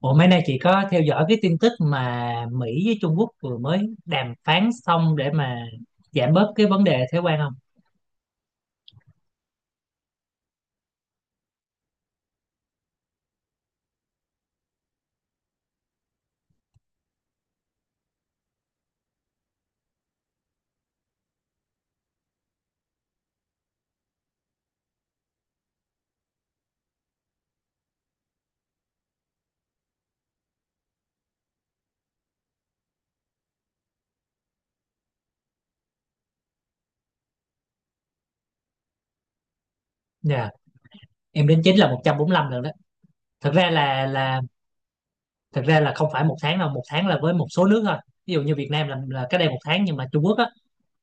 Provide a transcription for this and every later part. Ủa mấy nay chị có theo dõi cái tin tức mà Mỹ với Trung Quốc vừa mới đàm phán xong để mà giảm bớt cái vấn đề thuế quan không? Dạ, em đến chính là 145 lần đó. Thật ra là thật ra là không phải một tháng đâu, một tháng là với một số nước thôi. Ví dụ như Việt Nam là cái đây một tháng, nhưng mà Trung Quốc á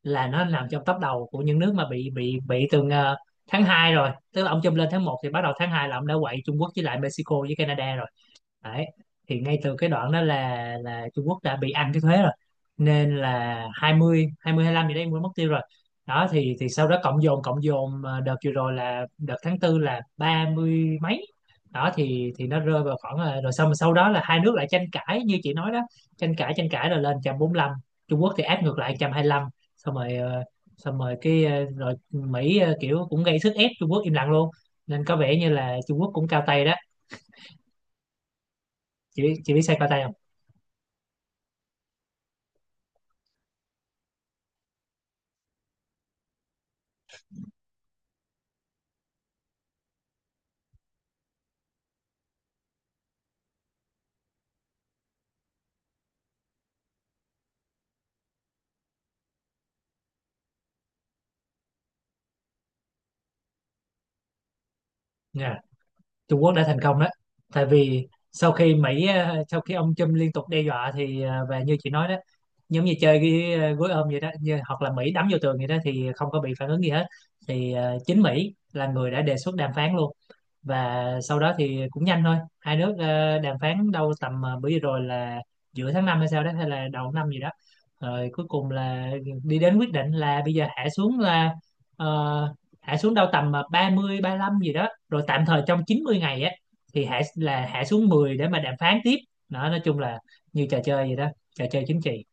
là nó nằm trong top đầu của những nước mà bị từ tháng 2 rồi. Tức là ông Trump lên tháng một thì bắt đầu tháng 2 là ông đã quậy Trung Quốc với lại Mexico với Canada rồi. Đấy. Thì ngay từ cái đoạn đó là Trung Quốc đã bị ăn cái thuế rồi, nên là 20 20 lăm gì đấy em quên mất tiêu rồi. Đó thì sau đó cộng dồn cộng dồn, mà đợt vừa rồi là đợt tháng tư là 30 mấy đó, thì nó rơi vào rồi xong sau đó là hai nước lại tranh cãi như chị nói đó, tranh cãi rồi lên 145. Trung Quốc thì áp ngược lại 125. Xong rồi xong rồi rồi Mỹ kiểu cũng gây sức ép, Trung Quốc im lặng luôn, nên có vẻ như là Trung Quốc cũng cao tay đó. Chị biết sao cao tay không? Trung Quốc đã thành công đó, tại vì sau khi Mỹ sau khi ông Trump liên tục đe dọa thì và như chị nói đó, giống như chơi cái gối ôm vậy đó, như hoặc là Mỹ đấm vô tường vậy đó thì không có bị phản ứng gì hết. Thì chính Mỹ là người đã đề xuất đàm phán luôn. Và sau đó thì cũng nhanh thôi, hai nước đàm phán đâu tầm bữa giờ rồi là giữa tháng 5 hay sao đó, hay là đầu năm gì đó. Rồi cuối cùng là đi đến quyết định là bây giờ hạ xuống là ờ, hạ xuống đâu tầm 30 lăm gì đó, rồi tạm thời trong 90 ngày á thì hạ là hạ xuống 10 để mà đàm phán tiếp. Đó, nói chung là như trò chơi vậy đó, trò chơi chính trị.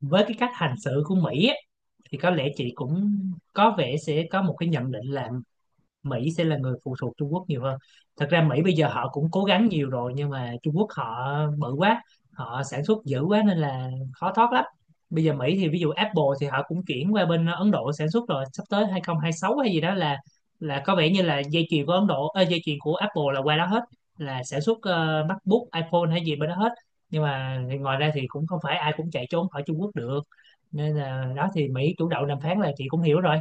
Với cái cách hành xử của Mỹ á, thì có lẽ chị cũng có vẻ sẽ có một cái nhận định là Mỹ sẽ là người phụ thuộc Trung Quốc nhiều hơn. Thật ra Mỹ bây giờ họ cũng cố gắng nhiều rồi, nhưng mà Trung Quốc họ bự quá, họ sản xuất dữ quá nên là khó thoát lắm. Bây giờ Mỹ thì ví dụ Apple thì họ cũng chuyển qua bên Ấn Độ sản xuất rồi, sắp tới 2026 hay gì đó là có vẻ như là dây chuyền của Ấn Độ, dây chuyền của Apple là qua đó hết, là sản xuất MacBook, iPhone hay gì bên đó hết. Nhưng mà ngoài ra thì cũng không phải ai cũng chạy trốn khỏi Trung Quốc được. Nên là đó thì Mỹ chủ động đàm phán là chị cũng hiểu rồi.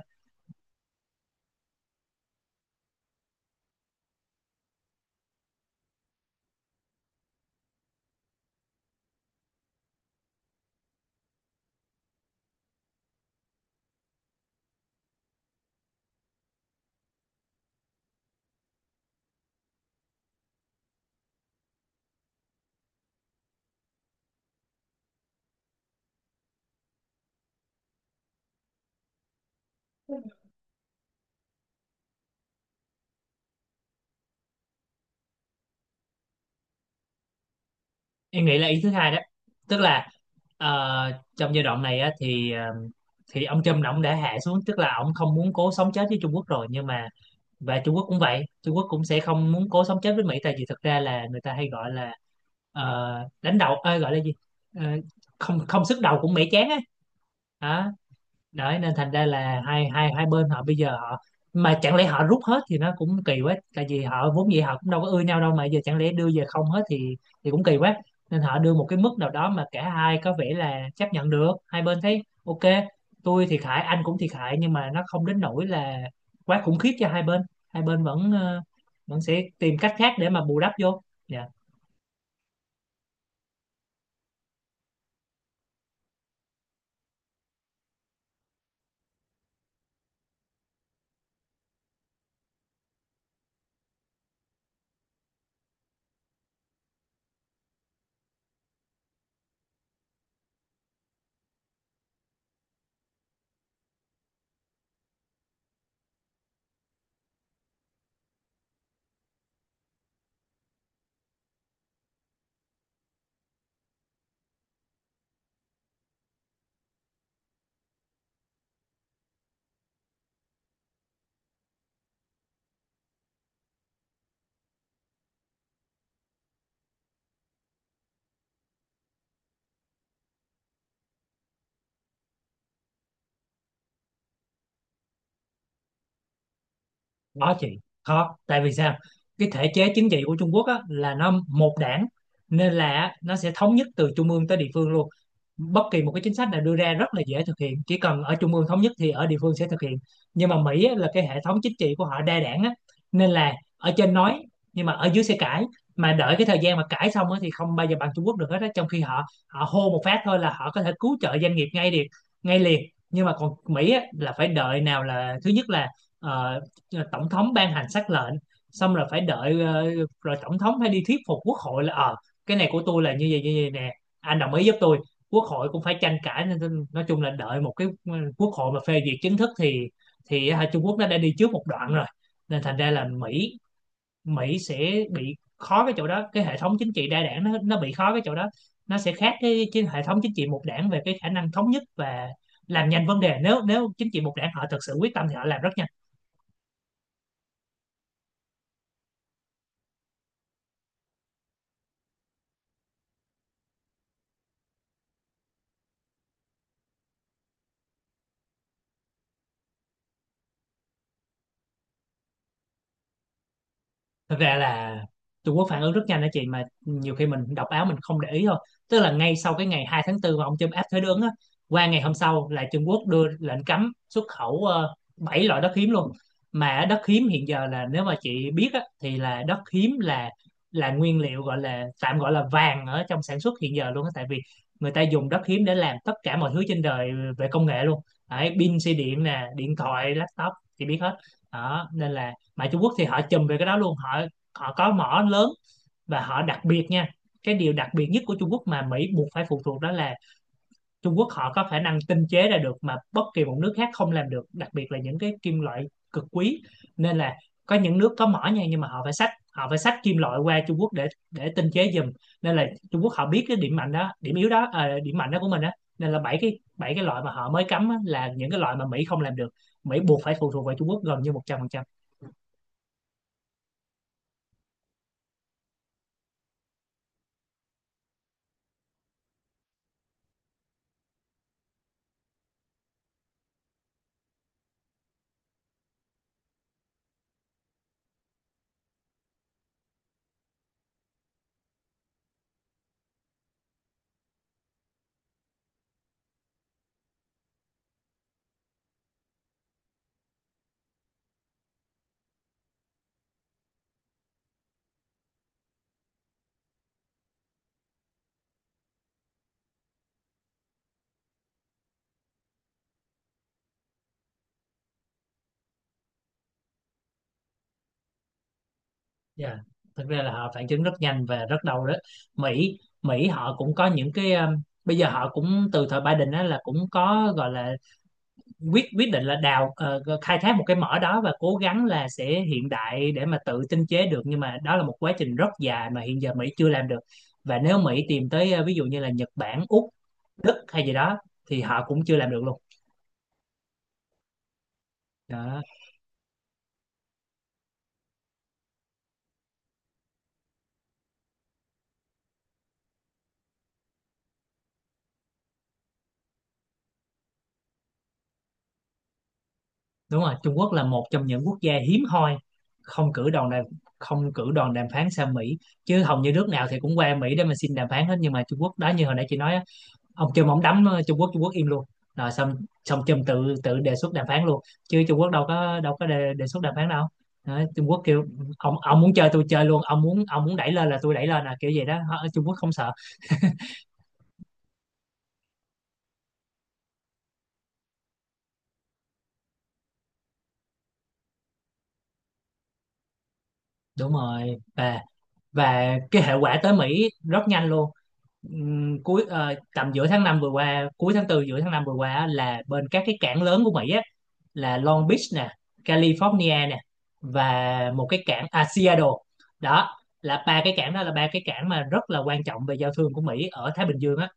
Em nghĩ là ý thứ hai đó. Tức là ờ, trong giai đoạn này á, thì thì ông Trump là ông đã hạ xuống, tức là ông không muốn cố sống chết với Trung Quốc rồi, nhưng mà và Trung Quốc cũng vậy, Trung Quốc cũng sẽ không muốn cố sống chết với Mỹ, tại vì thực ra là người ta hay gọi là đánh đầu ơi gọi là gì. Ờ, không không sức đầu cũng Mỹ chán á. Đó. Đấy nên thành ra là hai hai hai bên họ bây giờ họ, mà chẳng lẽ họ rút hết thì nó cũng kỳ quá, tại vì họ vốn dĩ họ cũng đâu có ưa nhau đâu, mà giờ chẳng lẽ đưa về không hết thì cũng kỳ quá, nên họ đưa một cái mức nào đó mà cả hai có vẻ là chấp nhận được, hai bên thấy ok. Tôi thiệt hại anh cũng thiệt hại, nhưng mà nó không đến nỗi là quá khủng khiếp cho hai bên. Hai bên vẫn vẫn sẽ tìm cách khác để mà bù đắp vô. Dạ. Khó chị, khó. Tại vì sao? Cái thể chế chính trị của Trung Quốc á, là nó một đảng, nên là á, nó sẽ thống nhất từ trung ương tới địa phương luôn. Bất kỳ một cái chính sách nào đưa ra rất là dễ thực hiện, chỉ cần ở trung ương thống nhất thì ở địa phương sẽ thực hiện. Nhưng mà Mỹ á, là cái hệ thống chính trị của họ đa đảng á, nên là ở trên nói nhưng mà ở dưới sẽ cãi. Mà đợi cái thời gian mà cãi xong á, thì không bao giờ bằng Trung Quốc được hết á. Trong khi họ họ hô một phát thôi là họ có thể cứu trợ doanh nghiệp ngay liền, ngay liền. Nhưng mà còn Mỹ á, là phải đợi, nào là thứ nhất là ờ, tổng thống ban hành sắc lệnh, xong rồi phải đợi rồi tổng thống phải đi thuyết phục quốc hội là cái này của tôi là như vậy nè, anh đồng ý giúp tôi. Quốc hội cũng phải tranh cãi, nên nên nói chung là đợi một cái quốc hội mà phê duyệt chính thức thì Trung Quốc nó đã đi trước một đoạn rồi. Nên thành ra là Mỹ Mỹ sẽ bị khó cái chỗ đó. Cái hệ thống chính trị đa đảng nó bị khó cái chỗ đó. Nó sẽ khác cái hệ thống chính trị một đảng về cái khả năng thống nhất và làm nhanh vấn đề. Nếu nếu chính trị một đảng họ thực sự quyết tâm thì họ làm rất nhanh. Thật ra là Trung Quốc phản ứng rất nhanh đó chị, mà nhiều khi mình đọc báo mình không để ý thôi. Tức là ngay sau cái ngày 2 tháng 4 mà ông Trump áp thuế đứng á, qua ngày hôm sau là Trung Quốc đưa lệnh cấm xuất khẩu 7 loại đất hiếm luôn. Mà đất hiếm hiện giờ, là nếu mà chị biết á, thì là đất hiếm là nguyên liệu, gọi là tạm gọi là vàng ở trong sản xuất hiện giờ luôn á, tại vì người ta dùng đất hiếm để làm tất cả mọi thứ trên đời về công nghệ luôn. Đấy, pin xe điện nè, điện thoại, laptop, chị biết hết đó. Nên là mà Trung Quốc thì họ chùm về cái đó luôn, họ họ có mỏ lớn, và họ đặc biệt nha. Cái điều đặc biệt nhất của Trung Quốc mà Mỹ buộc phải phụ thuộc đó là Trung Quốc họ có khả năng tinh chế ra được mà bất kỳ một nước khác không làm được, đặc biệt là những cái kim loại cực quý. Nên là có những nước có mỏ nha, nhưng mà họ phải xách kim loại qua Trung Quốc để tinh chế giùm. Nên là Trung Quốc họ biết cái điểm mạnh đó, điểm yếu đó, à, điểm mạnh đó của mình á. Nên là 7 cái loại mà họ mới cấm á, là những cái loại mà Mỹ không làm được. Mỹ buộc phải phụ thuộc vào Trung Quốc gần như 100%. Dạ, thực ra là họ phản ứng rất nhanh và rất đau đó. Mỹ Mỹ họ cũng có những cái bây giờ họ cũng từ thời Biden á là cũng có, gọi là quyết quyết định là đào khai thác một cái mỏ đó, và cố gắng là sẽ hiện đại để mà tự tinh chế được, nhưng mà đó là một quá trình rất dài mà hiện giờ Mỹ chưa làm được. Và nếu Mỹ tìm tới ví dụ như là Nhật Bản, Úc, Đức hay gì đó, thì họ cũng chưa làm được luôn. Đó. Đúng rồi, Trung Quốc là một trong những quốc gia hiếm hoi không cử đoàn đàm không cử đoàn đàm phán sang Mỹ, chứ hầu như nước nào thì cũng qua Mỹ để mà xin đàm phán hết. Nhưng mà Trung Quốc đó, như hồi nãy chị nói á, ông Trump ông đấm Trung Quốc, im luôn rồi xong. Trump tự tự đề xuất đàm phán luôn, chứ Trung Quốc đâu có đề xuất đàm phán đâu. Đó, Trung Quốc kêu ông muốn chơi tôi chơi luôn, ông muốn đẩy lên là tôi đẩy lên, là kiểu vậy đó. Trung Quốc không sợ. Đúng rồi, và cái hệ quả tới Mỹ rất nhanh luôn. Cuối tầm giữa tháng 5 vừa qua, cuối tháng tư giữa tháng 5 vừa qua á, là bên các cái cảng lớn của Mỹ á, là Long Beach nè, California nè, và một cái cảng, à, Seattle. đó đó là ba cái cảng mà rất là quan trọng về giao thương của Mỹ ở Thái Bình Dương á,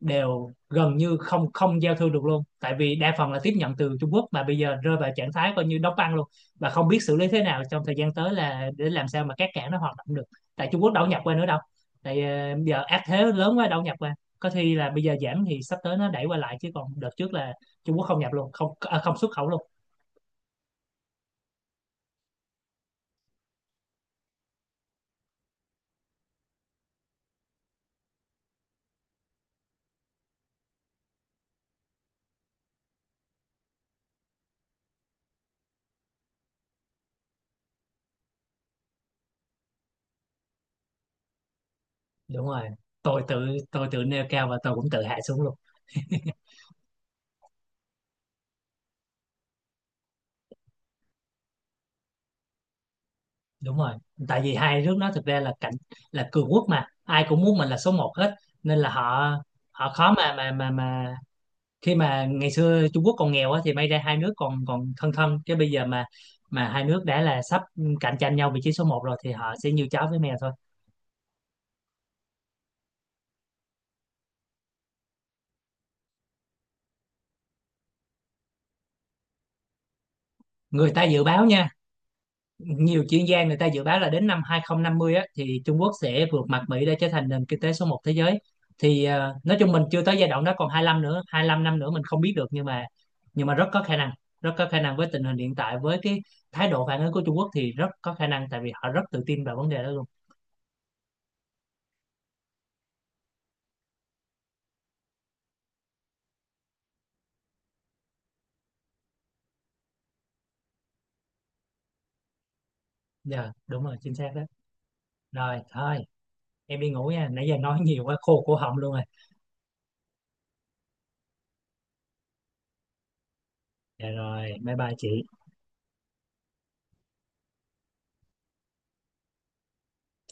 đều gần như không không giao thương được luôn, tại vì đa phần là tiếp nhận từ Trung Quốc, mà bây giờ rơi vào trạng thái coi như đóng băng luôn, và không biết xử lý thế nào trong thời gian tới là để làm sao mà các cảng nó hoạt động được. Tại Trung Quốc đâu nhập qua nữa đâu. Tại bây giờ áp thế lớn quá đâu nhập qua, có khi là bây giờ giảm thì sắp tới nó đẩy qua lại, chứ còn đợt trước là Trung Quốc không nhập luôn, không à, không xuất khẩu luôn. Đúng rồi, tôi tự nêu cao và tôi cũng tự hạ xuống luôn. Đúng rồi, tại vì hai nước nó thực ra là là cường quốc mà ai cũng muốn mình là số một hết, nên là họ họ khó mà khi mà ngày xưa Trung Quốc còn nghèo á thì may ra hai nước còn còn thân thân, chứ bây giờ mà hai nước đã là sắp cạnh tranh nhau vị trí số một rồi thì họ sẽ như chó với mèo thôi. Người ta dự báo nha, nhiều chuyên gia người ta dự báo là đến năm 2050 á, thì Trung Quốc sẽ vượt mặt Mỹ để trở thành nền kinh tế số một thế giới. Thì nói chung mình chưa tới giai đoạn đó, còn 25 năm nữa mình không biết được, nhưng mà rất có khả năng, rất có khả năng với tình hình hiện tại, với cái thái độ phản ứng của Trung Quốc thì rất có khả năng, tại vì họ rất tự tin vào vấn đề đó luôn. Dạ đúng rồi, chính xác đó. Rồi thôi, em đi ngủ nha, nãy giờ nói nhiều quá khô cổ họng luôn rồi. Dạ rồi, bye bye chị.